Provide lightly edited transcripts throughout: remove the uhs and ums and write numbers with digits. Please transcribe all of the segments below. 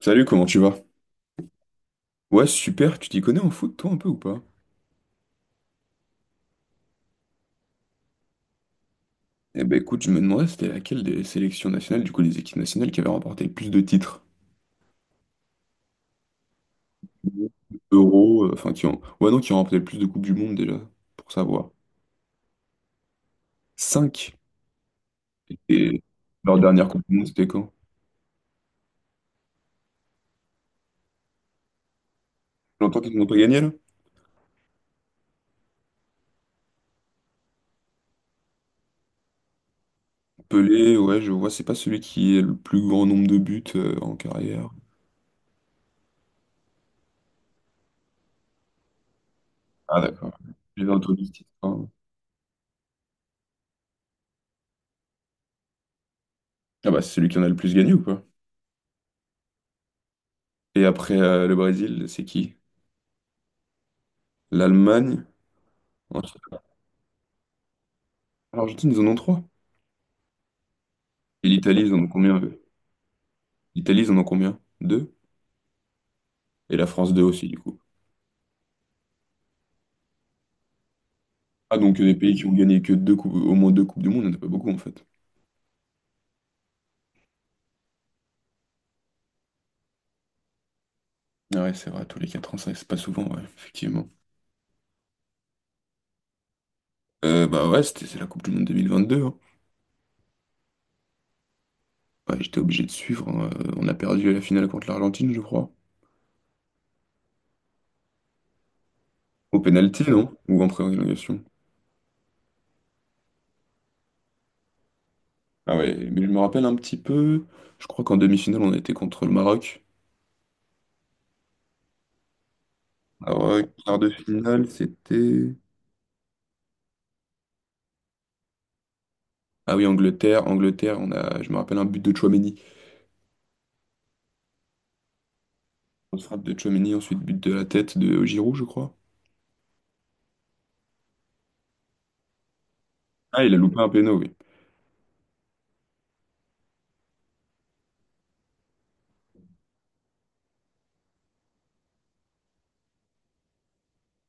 Salut, comment tu vas? Ouais, super, tu t'y connais en foot, toi, un peu ou pas? Eh ben écoute, je me demandais c'était laquelle des sélections nationales, du coup des équipes nationales qui avaient remporté le plus de titres. Euro, enfin qui ont. Ouais non, qui ont remporté le plus de Coupes du Monde déjà, pour savoir. 5. Et leur dernière Coupe du Monde, c'était quand? Longtemps qu'ils n'ont pas gagné là? Pelé, ouais, je vois, c'est pas celui qui est le plus grand nombre de buts en carrière. Ah d'accord. J'avais entendu ce titre, hein. Ah bah c'est celui qui en a le plus gagné ou pas? Et après le Brésil, c'est qui? L'Allemagne? L'Argentine, ils en ont trois. Et l'Italie, ils en ont combien, eux? L'Italie, ils en ont combien? Deux. Et la France, deux aussi, du coup. Ah, donc des pays qui ont gagné que deux coupes, au moins deux Coupes du Monde, il n'y en a pas beaucoup, en fait. Ah ouais, c'est vrai, tous les 4 ans, ça, c'est pas souvent, ouais, effectivement. Bah ouais, c'est la Coupe du Monde 2022, hein. Ouais, j'étais obligé de suivre, hein. On a perdu à la finale contre l'Argentine, je crois. Au pénalty, non? Ou en prolongation? Ah ouais, mais je me rappelle un petit peu. Je crois qu'en demi-finale, on a été contre le Maroc. Ah ouais, quart de finale, c'était. Ah oui, Angleterre, Angleterre, on a, je me rappelle un but de Tchouaméni. On se frappe de Tchouaméni, ensuite but de la tête de Giroud, je crois. Ah, il a loupé un péno, oui.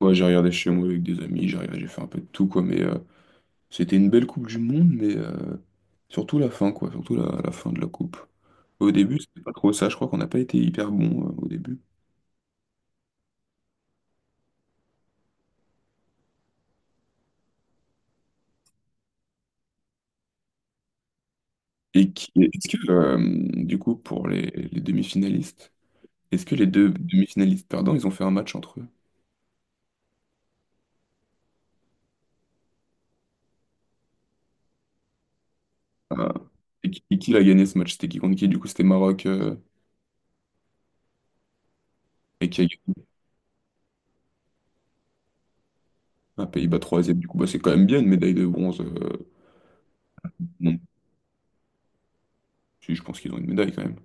Ouais, j'ai regardé chez moi avec des amis, j'ai regardé, j'ai fait un peu de tout, quoi. Mais c'était une belle Coupe du Monde, mais surtout la fin, quoi. Surtout la fin de la Coupe. Au début, c'était pas trop ça. Je crois qu'on n'a pas été hyper bon au début. Et est-ce que, du coup, pour les demi-finalistes, est-ce que les deux demi-finalistes perdants, ils ont fait un match entre eux? Ah. Et qui a gagné ce match? C'était qui contre qui? Du coup, c'était Maroc. Et qui a un Pays-Bas troisième, du coup, bah, c'est quand même bien une médaille de bronze. Bon, si, je pense qu'ils ont une médaille quand même.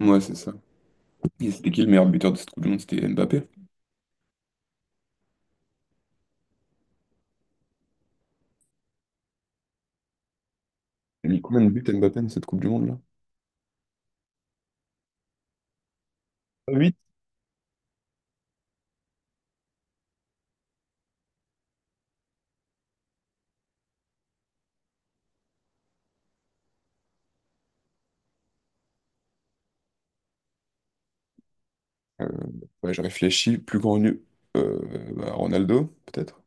Ouais, c'est ça. Et c'était qui le meilleur buteur de cette Coupe du Monde? C'était Mbappé. Il a mis combien de buts Mbappé dans cette Coupe du Monde là? Huit. Euh, ouais, je réfléchis, plus connu, euh, bah, Ronaldo, peut-être?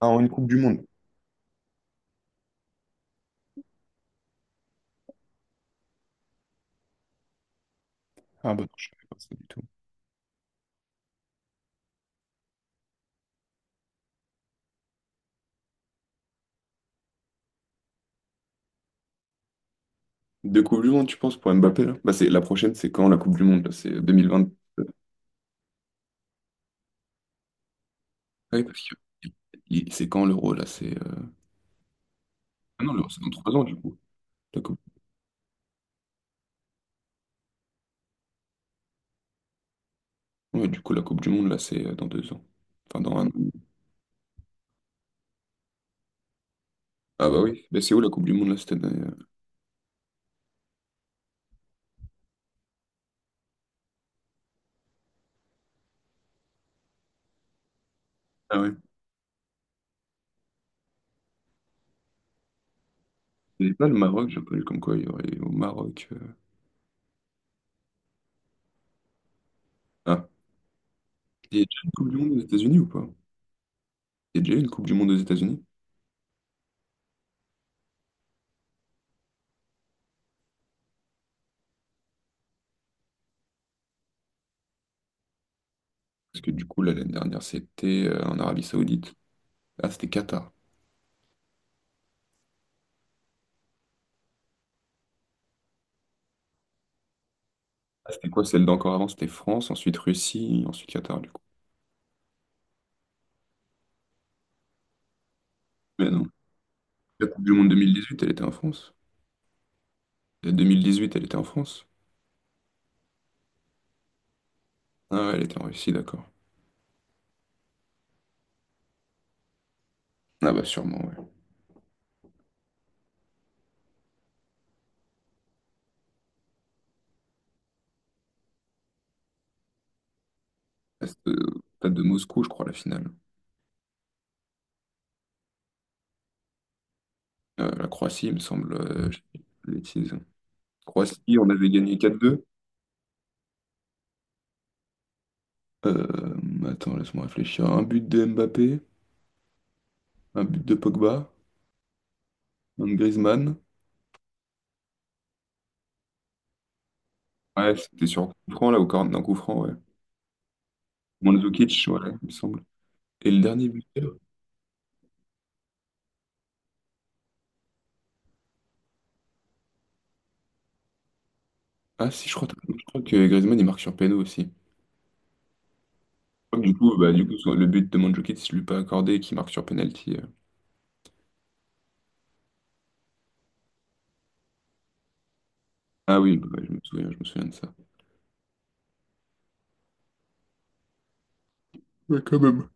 Ah, en une Coupe du Monde. Ah bah non, je savais pas ça du tout. Deux Coupes du Monde, tu penses, pour Mbappé là? Bah, c'est, la prochaine, c'est quand la Coupe du Monde là? C'est 2020. Oui parce que c'est quand l'Euro là? C'est. Ah non, l'Euro, c'est dans 3 ans du coup. La Coupe. Ouais, du coup, la Coupe du Monde là, c'est dans 2 ans. Enfin, dans un an. Ah bah oui, mais c'est où la Coupe du Monde là cette année? Ah ouais. Il n'y a pas le Maroc, j'ai entendu comme quoi il y aurait au Maroc. Ah, il y a déjà une Coupe du Monde aux États-Unis ou pas? Il y a déjà eu une Coupe du Monde aux États-Unis? Parce que du coup, là, l'année dernière, c'était en Arabie Saoudite. Ah, c'était Qatar. Ah, c'était quoi celle d'encore avant? C'était France, ensuite Russie, ensuite Qatar, du coup. Mais non. La Coupe du Monde 2018, elle était en France. La 2018, elle était en France. Ah ouais, elle était en Russie, d'accord. Ah bah sûrement, ouais. Ah, c'était au stade de Moscou, je crois, la finale. La Croatie, il me semble, je dis une bêtise. Croatie, on avait gagné 4-2. Attends, laisse-moi réfléchir. Un but de Mbappé, un but de Pogba, un de Griezmann. Ouais, c'était sur un coup franc, là, au corner d'un coup franc, ouais. Mandzukic, ouais, il me semble. Et le dernier buteur? Ah si, je crois que Griezmann, il marque sur péno aussi. Comme du coup, bah, du coup, le but de Mandzukic, je lui ai pas accordé, qui marque sur penalty. Ah oui, bah, ouais, je me souviens de ça. Ouais, quand même.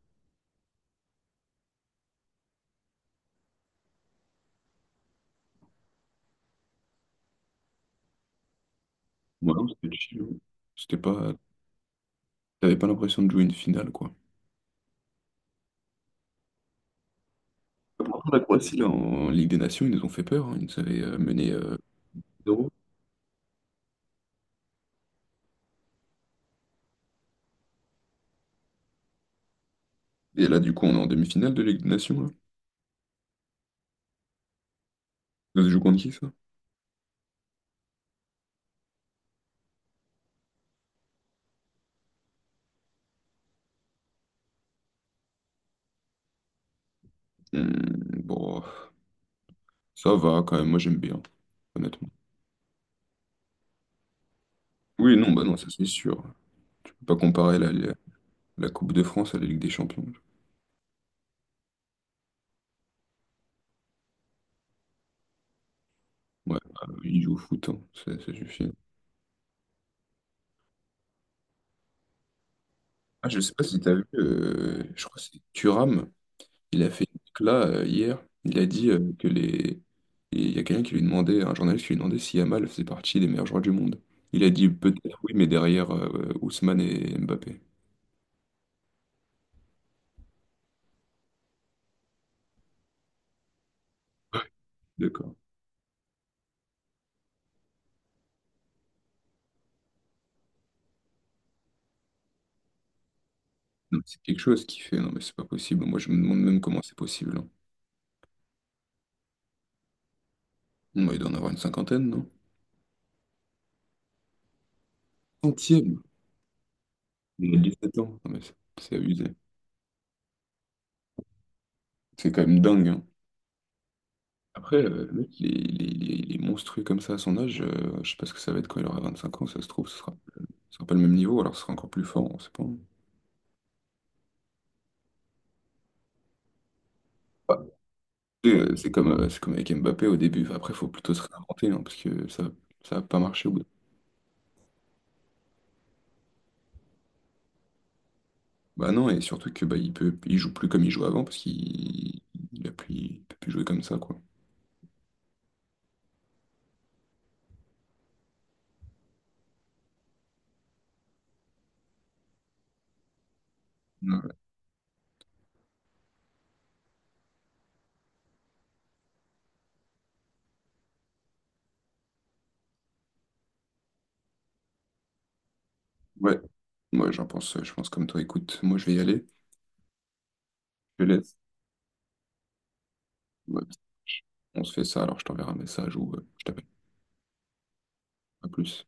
Ouais, non, c'était chill, ouais. C'était pas. T'avais pas l'impression de jouer une finale, quoi. Pourtant, la Croatie, là, en Ligue des Nations, ils nous ont fait peur, hein. Ils nous avaient mené 0. Et là, du coup, on est en demi-finale de Ligue des Nations, là. Ça se joue contre qui, ça? Hmm, bon, ça va quand même, moi j'aime bien, honnêtement. Oui, non, bah non, ça c'est sûr. Je peux pas comparer la Coupe de France à la Ligue des Champions. Ouais, bah, il joue au foot, hein, ça suffit. Ah, je sais pas si t'as vu, je crois que c'est Thuram, il a fait une décla hier, il a dit que les. Il y a quelqu'un qui lui demandait, un journaliste qui lui demandait si Yamal faisait partie des meilleurs joueurs du monde. Il a dit peut-être oui, mais derrière Ousmane et Mbappé. D'accord. Non, c'est quelque chose qui fait. Non, mais c'est pas possible. Moi, je me demande même comment c'est possible, hein. Non, il doit en avoir une cinquantaine, non? Centième. Il a 17 ans. Non, mais c'est abusé. C'est quand même dingue, hein. Après, le mec, il est monstrueux comme ça à son âge. Je sais pas ce que ça va être quand il aura 25 ans. Ça se trouve, ce sera pas le même niveau. Alors, ce sera encore plus fort. On sait pas, hein. Bah, tu sais, c'est comme avec Mbappé au début. Enfin, après, il faut plutôt se réinventer hein, parce que ça a pas marché au bout. Bah non, et surtout que bah, il joue plus comme il jouait avant parce qu'il il a plus, il peut plus jouer comme ça, quoi. Ouais. Ouais, moi j'en pense, je pense comme toi. Écoute, moi je vais y aller. Je te laisse. Ouais. On se fait ça, alors je t'enverrai un message ou je t'appelle. À plus.